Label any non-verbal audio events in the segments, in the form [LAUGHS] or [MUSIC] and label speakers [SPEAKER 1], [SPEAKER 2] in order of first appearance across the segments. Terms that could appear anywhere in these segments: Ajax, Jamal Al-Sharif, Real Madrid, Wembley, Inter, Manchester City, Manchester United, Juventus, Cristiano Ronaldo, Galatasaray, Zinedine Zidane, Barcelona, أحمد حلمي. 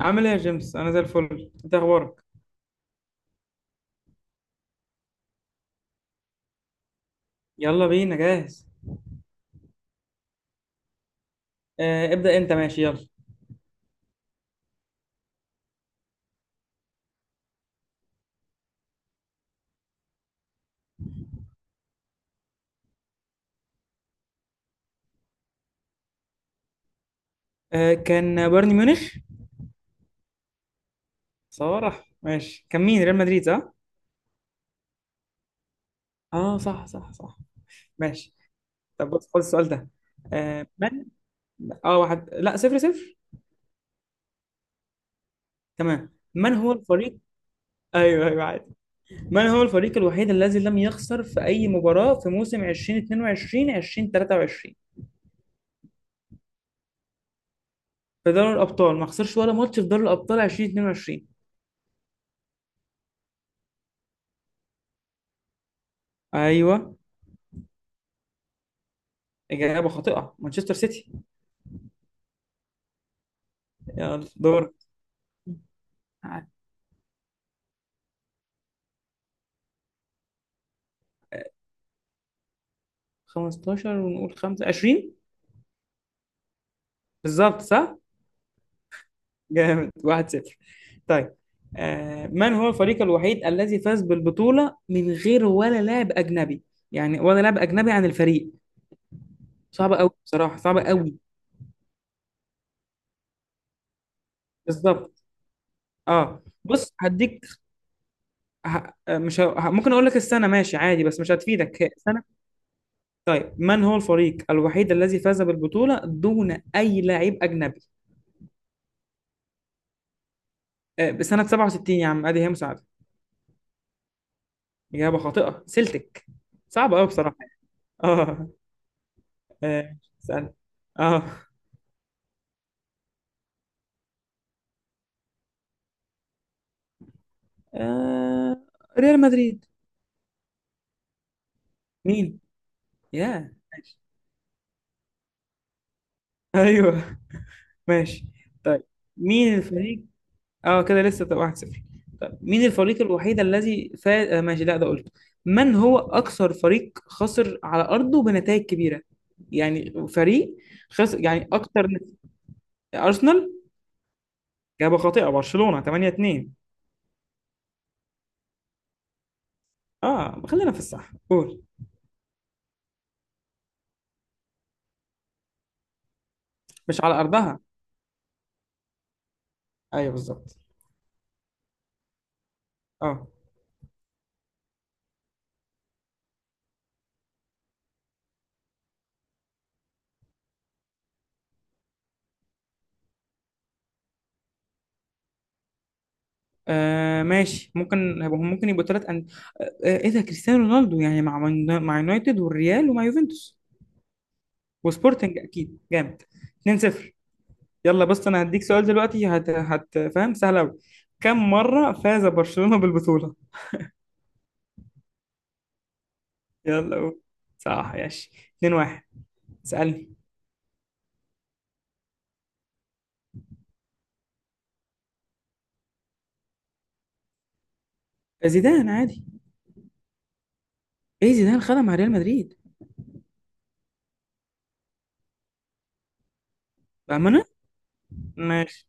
[SPEAKER 1] عامل ايه يا جيمس، انا زي الفل. انت اخبارك؟ يلا بينا، جاهز. ابدأ انت، ماشي. يلا، كان بايرن ميونخ. صراحة ماشي، كان مين؟ ريال مدريد، صح. اه، صح صح صح. ماشي. طب بص، خد السؤال ده. آه من اه، واحد، لا، صفر صفر. تمام. من هو الفريق؟ ايوه ايوه، عادي. من هو الفريق الوحيد الذي لم يخسر في اي مباراة في موسم 2022 2023؟ في دوري الابطال ما خسرش ولا ماتش في دوري الابطال 2022. ايوه. اجابة خاطئة، مانشستر سيتي. يلا دور. 15 ونقول 5، 20. بالظبط، صح؟ جامد، 1-0. طيب، من هو الفريق الوحيد الذي فاز بالبطولة من غير ولا لاعب أجنبي؟ يعني ولا لاعب أجنبي عن الفريق. صعبة أوي بصراحة، صعبة أوي. بالظبط. اه بص هديك. ه... آه، مش ه... ه- ممكن اقول لك السنه، ماشي عادي، بس مش هتفيدك، هي سنه. طيب، من هو الفريق الوحيد الذي فاز بالبطوله دون اي لاعب اجنبي؟ بسنه 67، يا عم ادي هي مساعده. إجابة خاطئة، سلتك. صعبة أوي بصراحة. آه، آه، اسأل. آه، آه، ريال مدريد. مين؟ يا ماشي. أيوه. ماشي. طيب، مين الفريق؟ كده لسه، طب 1-0. طيب، مين الفريق الوحيد الذي فاز؟ ماشي، لا ده قلته. من هو أكثر فريق خسر على أرضه بنتائج كبيرة؟ يعني فريق خسر يعني أكثر. أرسنال. إجابة خاطئة، برشلونة 8-2. خلينا في الصح، قول. مش على أرضها. ايوه، بالظبط. اه. ماشي، ممكن يبقوا ثلاث أن... آه، آه، ايه ده، كريستيانو رونالدو. يعني مع مع يونايتد والريال ومع يوفنتوس وسبورتنج اكيد، جامد. 2-0. يلا، بس انا هديك سؤال دلوقتي، هت هت فاهم، سهل قوي. كم مرة فاز برشلونة بالبطولة؟ يلا قول. صح، ماشي. 2-1. اسألني. زيدان، عادي. ايه زيدان خدها مع ريال مدريد. بأمانة. ماشي.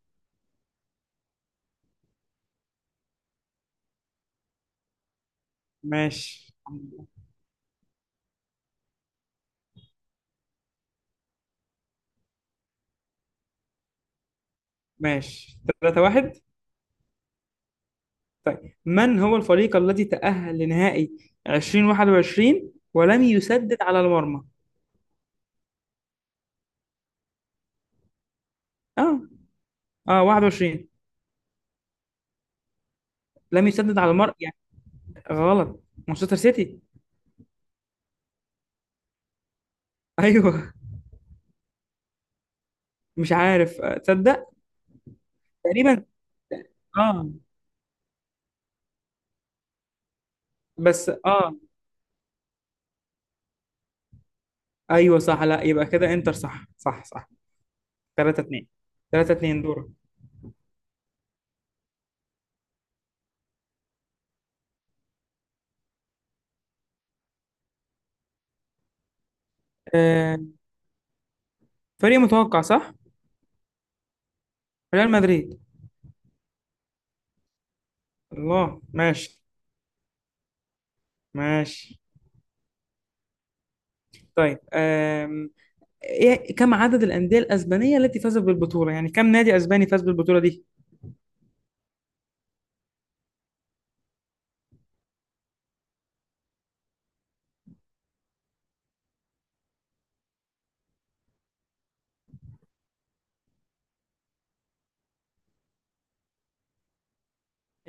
[SPEAKER 1] ماشي. ماشي. 3-1. طيب، من هو الفريق الذي تأهل لنهائي 2021 ولم يسدد على المرمى؟ اه. اه، 21. لم يسدد على المرمى يعني. غلط، مانشستر سيتي. [LAUGHS] ايوه. مش عارف، تصدق. تقريبا. اه. بس اه، ايوه صح، لا يبقى كده انتر، صح صح صح. 3 2. 3 2، دورك. آه، فريق متوقع صح؟ ريال مدريد. الله ماشي. ماشي. طيب، إيه، كم عدد الأندية الأسبانية التي فازت بالبطولة؟ يعني كم نادي أسباني فاز بالبطولة دي؟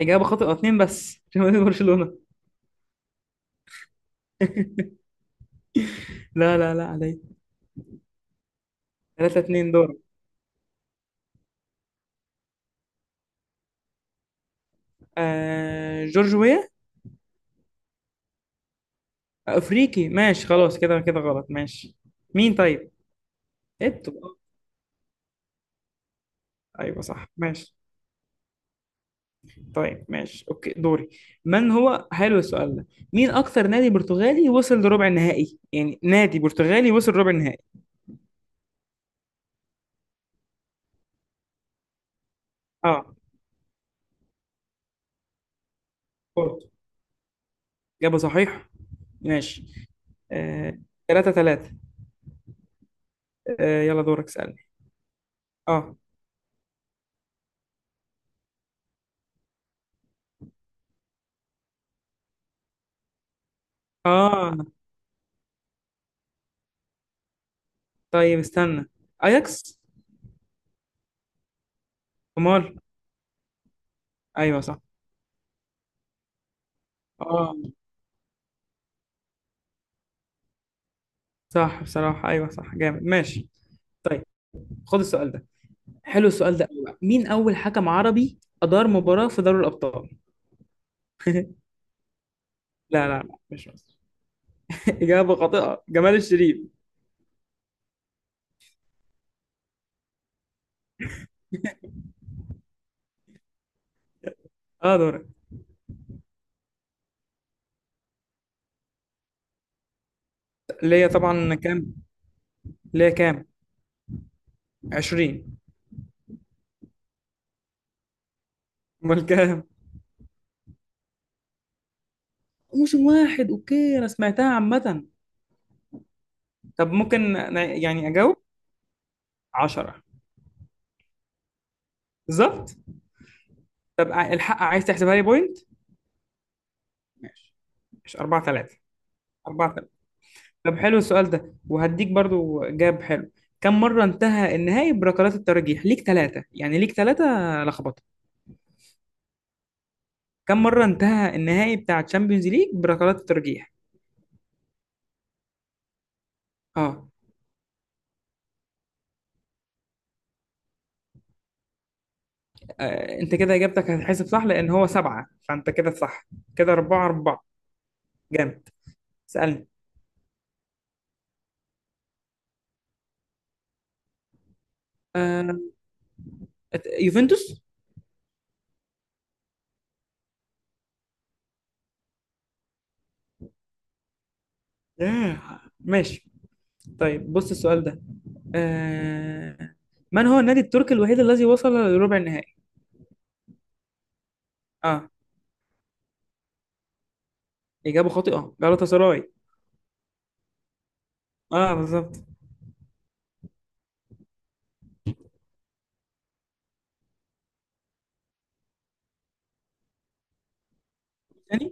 [SPEAKER 1] إجابة خاطئة، اتنين بس [LAUGHS] عشان نادي برشلونة [LAUGHS] لا لا لا علي. ثلاثة اتنين، دور. جورج ويا. أفريقي، ماشي خلاص، كده كده غلط ماشي. مين طيب؟ إيتو. أيوة صح، ماشي. طيب ماشي، أوكي، دوري. من هو، حلو السؤال ده. مين أكثر نادي برتغالي وصل لربع النهائي؟ يعني نادي برتغالي وصل ربع النهائي. اه، إجابة صحيحة. ماشي. آه، تلاتة تلاتة. يلا دورك، اسألني. اه. اه. طيب استنى. اياكس. امال؟ ايوه صح. اه صح بصراحة، ايوه صح، جامد ماشي. طيب، خد السؤال ده. حلو السؤال ده أوي بقى. مين اول حكم عربي ادار مباراة في دوري الابطال؟ لا لا لا، مش مصر. [LAUGHS] اجابة خاطئة، جمال الشريف. اه دورك. ليا طبعا، كام؟ ليا كام؟ 20. امال كام؟ موسم واحد، اوكي، انا سمعتها عامة. طب ممكن أنا يعني أجاوب؟ 10. بالظبط. طب الحق عايز تحسبها لي بوينت. ماشي. مش 4 3؟ 4 3. طب، حلو السؤال ده وهديك برضو جاب حلو. كم مرة انتهى النهائي بركلات الترجيح؟ ليك ثلاثة يعني، ليك ثلاثة. لخبطة. كم مرة انتهى النهائي بتاع تشامبيونز ليج بركلات الترجيح؟ اه. انت كده اجابتك هتحسب صح، لان هو سبعة، فانت كده صح. كده أربعة أربعة. جامد. سألني. آه، يوفنتوس. ماشي. طيب بص السؤال ده. آه، من هو النادي التركي الوحيد الذي وصل لربع النهائي؟ اه. إجابة خاطئة، جالاتا سراي. اه بالظبط. تاني؟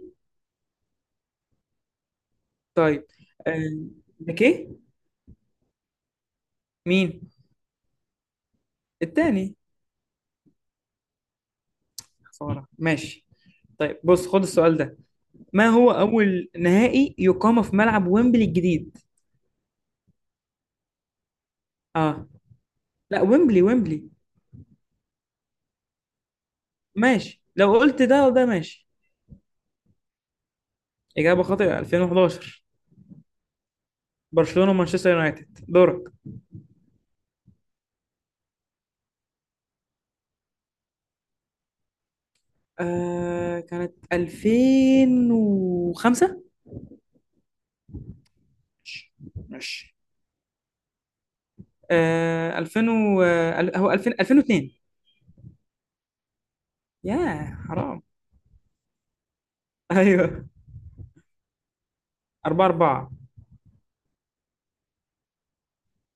[SPEAKER 1] طيب. آه، بيكيه. مين؟ التاني. خسارة، ماشي. طيب بص، خد السؤال ده. ما هو أول نهائي يقام في ملعب ويمبلي الجديد؟ اه. لا، ويمبلي ويمبلي. ماشي، لو قلت ده وده ماشي. إجابة خاطئة، 2011. برشلونة ومانشستر يونايتد. دورك. كانت 2005. ماشي. آه 2000 و... آه، هو 2000 2002. ياه، حرام. [LAUGHS] ايوه. 4 4.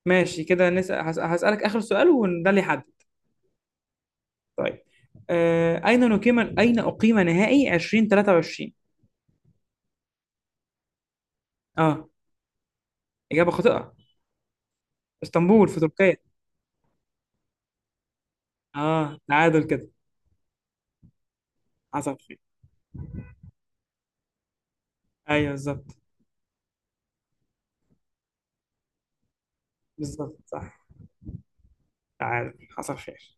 [SPEAKER 1] ماشي، كده نسأل، هسألك آخر سؤال وده اللي يحدد. طيب، أين أقيم نهائي 2023؟ اه. إجابة خاطئة. اسطنبول، في تركيا. اه، تعادل كده. حصل خير. ايوه بالظبط. بالظبط صح. تعادل، حصل خير.